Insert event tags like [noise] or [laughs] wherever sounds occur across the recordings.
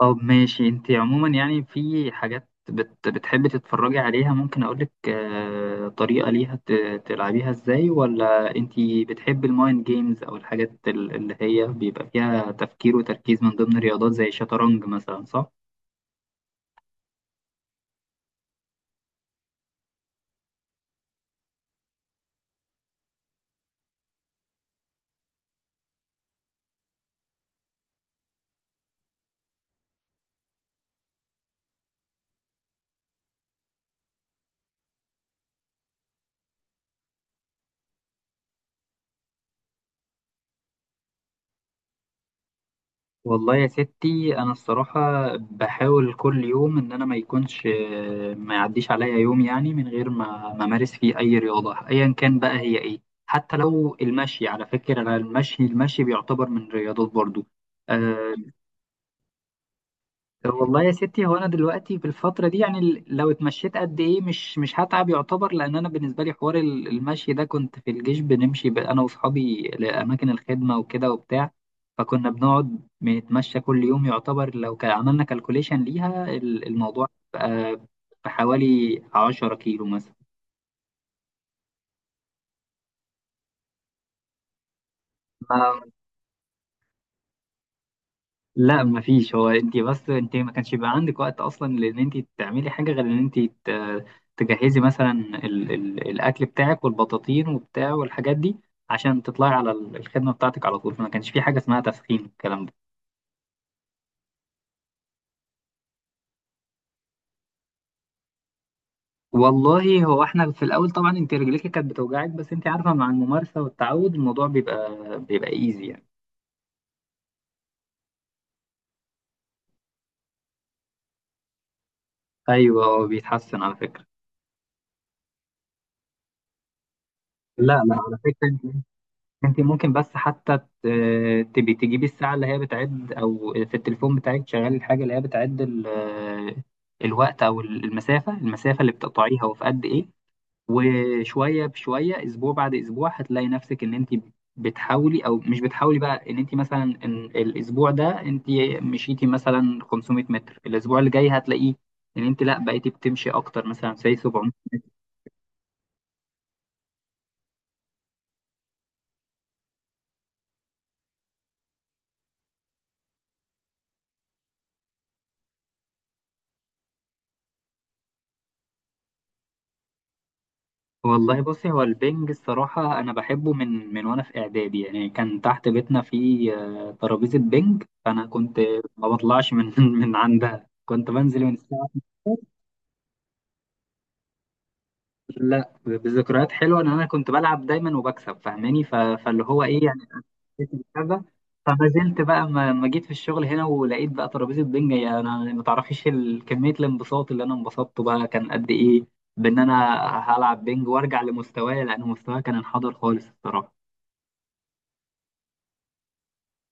طب ماشي. انت عموما يعني في حاجات بتحبي تتفرجي عليها، ممكن اقولك طريقة ليها تلعبيها ازاي، ولا انت بتحبي المايند جيمز او الحاجات اللي هي بيبقى فيها تفكير وتركيز من ضمن الرياضات زي الشطرنج مثلا، صح؟ والله يا ستي، انا الصراحه بحاول كل يوم ان انا ما يكونش، ما يعديش عليا يوم، يعني من غير ما امارس فيه اي رياضه ايا كان بقى هي ايه. حتى لو المشي، على فكره، انا المشي بيعتبر من الرياضات برضو. آه، والله يا ستي، هو انا دلوقتي في الفتره دي يعني، لو اتمشيت قد ايه مش هتعب يعتبر، لان انا بالنسبه لي حوار المشي ده، كنت في الجيش بنمشي انا واصحابي لاماكن الخدمه وكده وبتاع. فكنا بنقعد بنتمشى كل يوم يعتبر، لو كان عملنا كالكوليشن ليها الموضوع بقى بحوالي 10 كيلو مثلا. لا مفيش، هو انت بس انت ما كانش بيبقى عندك وقت اصلا لان انت تعملي حاجه، غير ان انت تجهزي مثلا ال الاكل بتاعك والبطاطين وبتاع والحاجات دي، عشان تطلعي على الخدمه بتاعتك على طول، فما كانش في حاجه اسمها تسخين، الكلام ده. والله، هو احنا في الاول طبعا انت رجليك كانت بتوجعك، بس انت عارفه مع الممارسه والتعود الموضوع بيبقى ايزي يعني. ايوه هو بيتحسن على فكره. لا لا، على فكره، انت ممكن بس حتى تبي تجيبي الساعة اللي هي بتعد، او في التليفون بتاعك تشغلي الحاجة اللي هي بتعد الوقت او المسافة اللي بتقطعيها وفي قد ايه. وشوية بشوية، اسبوع بعد اسبوع، هتلاقي نفسك ان انت بتحاولي او مش بتحاولي بقى، ان انت مثلا، ان الاسبوع ده انت مشيتي مثلا 500 متر، الاسبوع اللي جاي هتلاقيه ان انت لا بقيتي بتمشي اكتر، مثلا زي 700. والله بصي، هو البنج الصراحة أنا بحبه من وأنا في إعدادي، يعني كان تحت بيتنا في ترابيزة بنج، فأنا كنت ما بطلعش من [laughs] من عندها، كنت بنزل من الساعة 12. لا، بذكريات حلوة إن أنا كنت بلعب دايما وبكسب فاهماني، فاللي هو إيه يعني، حسيت بالكذا. فما زلت بقى، ما جيت في الشغل هنا ولقيت بقى ترابيزة بنج، يعني أنا ما تعرفيش كمية الانبساط اللي أنا انبسطته بقى كان قد إيه، بإن أنا هلعب بنج وأرجع لمستواي، لأن مستواي كان انحدر خالص الصراحة.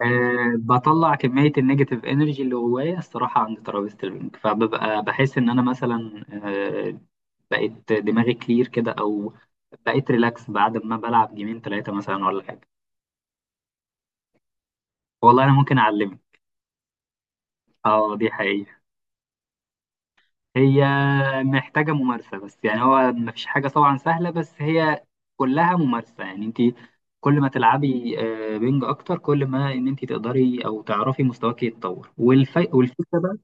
أه، بطلع كمية النيجاتيف انرجي اللي جوايا الصراحة عند ترابيزة البنج، فببقى بحس إن أنا مثلا بقيت دماغي كلير كده، أو بقيت ريلاكس بعد ما بلعب جيمين تلاتة مثلا ولا حاجة. والله أنا ممكن أعلمك. أه، دي حقيقة. هي محتاجة ممارسة بس يعني، هو مفيش حاجة طبعا سهلة، بس هي كلها ممارسة يعني، أنت كل ما تلعبي بنج أكتر، كل ما إن أنت تقدري أو تعرفي مستواك يتطور، والفكرة.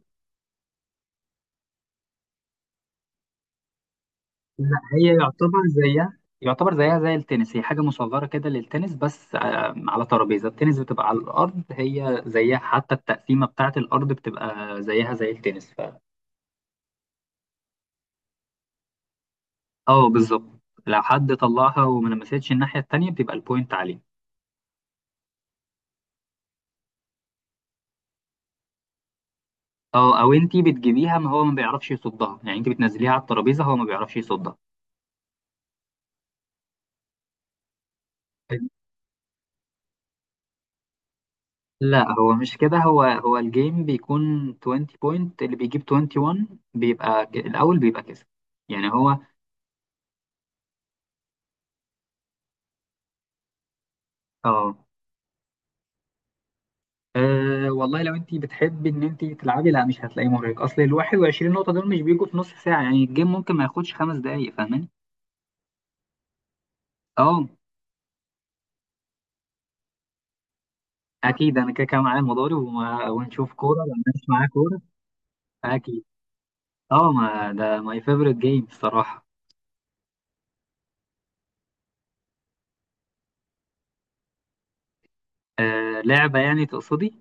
لا، هي يعتبر زيها زي التنس، هي حاجة مصغرة كده للتنس، بس على ترابيزة التنس بتبقى على الأرض، هي زيها، حتى التقسيمة بتاعة الأرض بتبقى زيها زي التنس اه، بالظبط. لو حد طلعها وما لمستش الناحية التانية بتبقى البوينت عليه. اه، أو انتي بتجيبيها، ما هو ما بيعرفش يصدها يعني، انتي بتنزليها على الترابيزة هو ما بيعرفش يصدها. لا، هو مش كده، هو الجيم بيكون 20 بوينت، اللي بيجيب 21 بيبقى الأول بيبقى كسب يعني. هو اه، أه والله، لو انت بتحبي ان انت تلعبي لا مش هتلاقيه مرهق، اصل ال 21 نقطة دول مش بيجوا في نص ساعة، يعني الجيم ممكن ما ياخدش 5 دقايق فاهماني؟ اه، اكيد، انا كده كده معايا المضارب ونشوف كورة، لما مش معايا كورة. اكيد. اه، ما ده ماي فيفورت جيم الصراحة. أه، لعبة يعني تقصدي؟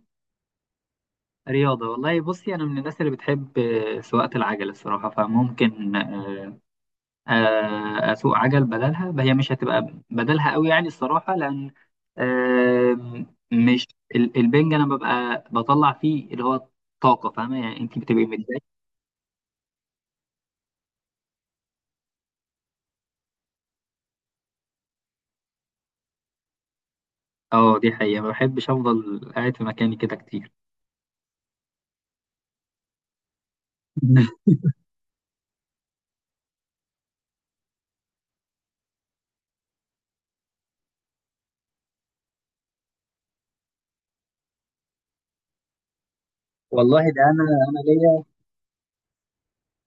رياضة. والله بصي، انا من الناس اللي بتحب سواقة العجل الصراحة، فممكن اسوق عجل بدلها. هي مش هتبقى بدلها قوي يعني الصراحه، لان آم، مش البنج انا ببقى بطلع فيه اللي هو طاقه، فاهمه، يعني انت بتبقي متضايقه. اه، دي حقيقه، ما بحبش افضل قاعد في مكاني كده كتير. [laughs] والله، ده انا ليا،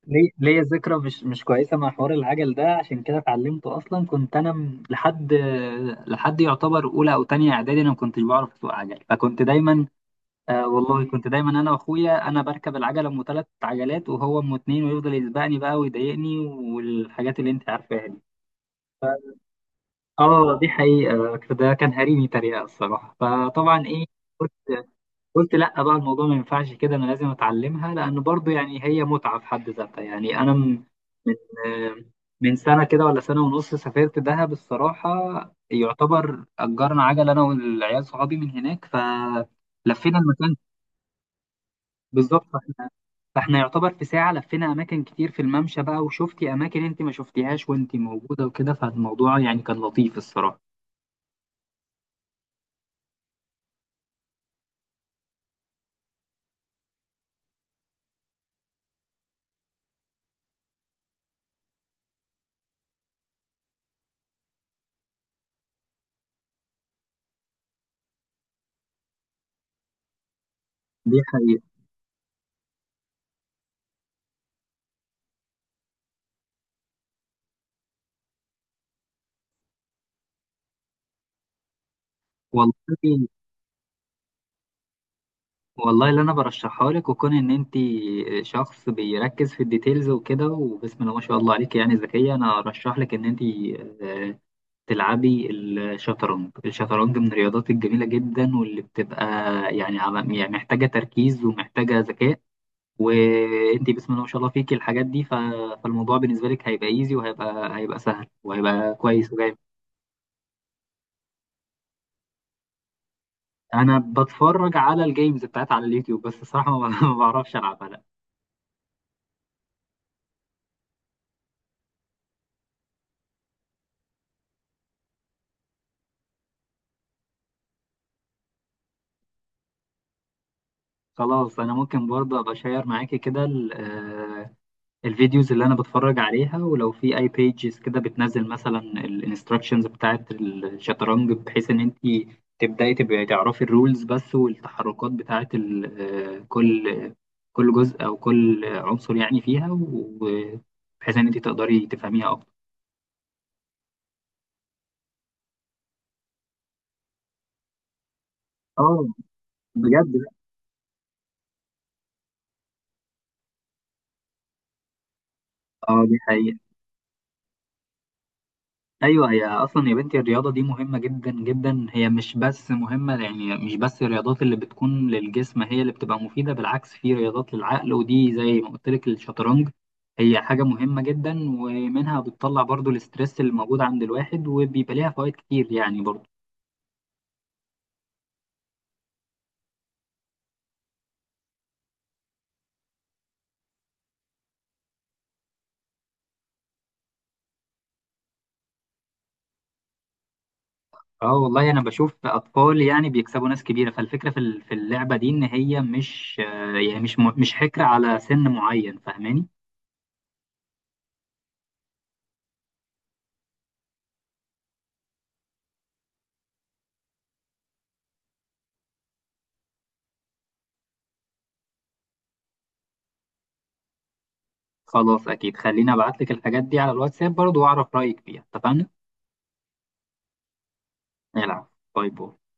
ليا ذكرى مش كويسه مع حوار العجل ده، عشان كده اتعلمته اصلا. كنت انا لحد يعتبر اولى او تانية اعدادي، انا ما كنتش بعرف اسوق عجل، فكنت دايما، والله كنت دايما انا واخويا، انا بركب العجله ام ثلاث عجلات وهو ام اتنين، ويفضل يسبقني بقى ويضايقني والحاجات اللي انت عارفاها دي. اه، دي حقيقه، ده كان هريني تريقه الصراحه، فطبعا ايه، قلت قلت لا بقى، الموضوع ما ينفعش كده، انا لازم اتعلمها، لان برضو يعني هي متعه في حد ذاتها يعني. انا من آه، من سنه كده ولا سنه ونص، سافرت دهب الصراحه، يعتبر اجرنا عجله انا والعيال صحابي من هناك، فلفينا المكان. بالظبط، فاحنا يعتبر في ساعة لفينا أماكن كتير في الممشى بقى، وشفتي أماكن أنت ما شفتيهاش وأنت موجودة وكده، فالموضوع يعني كان لطيف الصراحة. دي حقيقة. والله والله اللي أنا برشحها لك وكون إن أنت شخص بيركز في الديتيلز وكده، وبسم الله ما شاء الله عليك، يعني ذكية، أنا أرشح لك إن أنت آه، تلعبي الشطرنج. الشطرنج من الرياضات الجميلة جدا، واللي بتبقى يعني يعني محتاجة تركيز ومحتاجة ذكاء، وانت بسم الله ما شاء الله فيك الحاجات دي، فالموضوع بالنسبه لك هيبقى ايزي، وهيبقى هيبقى سهل، وهيبقى كويس وجامد. انا بتفرج على الجيمز بتاعت على اليوتيوب بس الصراحه، ما [laughs] ما بعرفش العبها لا. خلاص، انا ممكن برضه ابقى شير معاكي كده الفيديوز اللي انا بتفرج عليها، ولو في اي بيجز كده بتنزل مثلا الانستراكشنز بتاعت الشطرنج، بحيث ان انت تبداي تبقي تعرفي الرولز بس، والتحركات بتاعت آه، كل كل جزء او كل عنصر يعني فيها، وبحيث ان انت تقدري تفهميها اكتر. اه، بجد. اه، دي حقيقة. ايوه، هي اصلا يا بنتي الرياضه دي مهمه جدا جدا، هي مش بس مهمه يعني، مش بس الرياضات اللي بتكون للجسم هي اللي بتبقى مفيده، بالعكس في رياضات للعقل، ودي زي ما قلت لك الشطرنج، هي حاجه مهمه جدا. ومنها بتطلع برضو الاسترس اللي موجود عند الواحد، وبيبقى ليها فوائد كتير يعني برضو. اه والله، انا بشوف اطفال يعني بيكسبوا ناس كبيره، فالفكره في في اللعبه دي، ان هي مش آه، يعني مش حكر على سن معين فاهماني. خلاص، أكيد، خليني أبعت لك الحاجات دي على الواتساب برضو وأعرف رأيك فيها، اتفقنا؟ يلا، باي باي.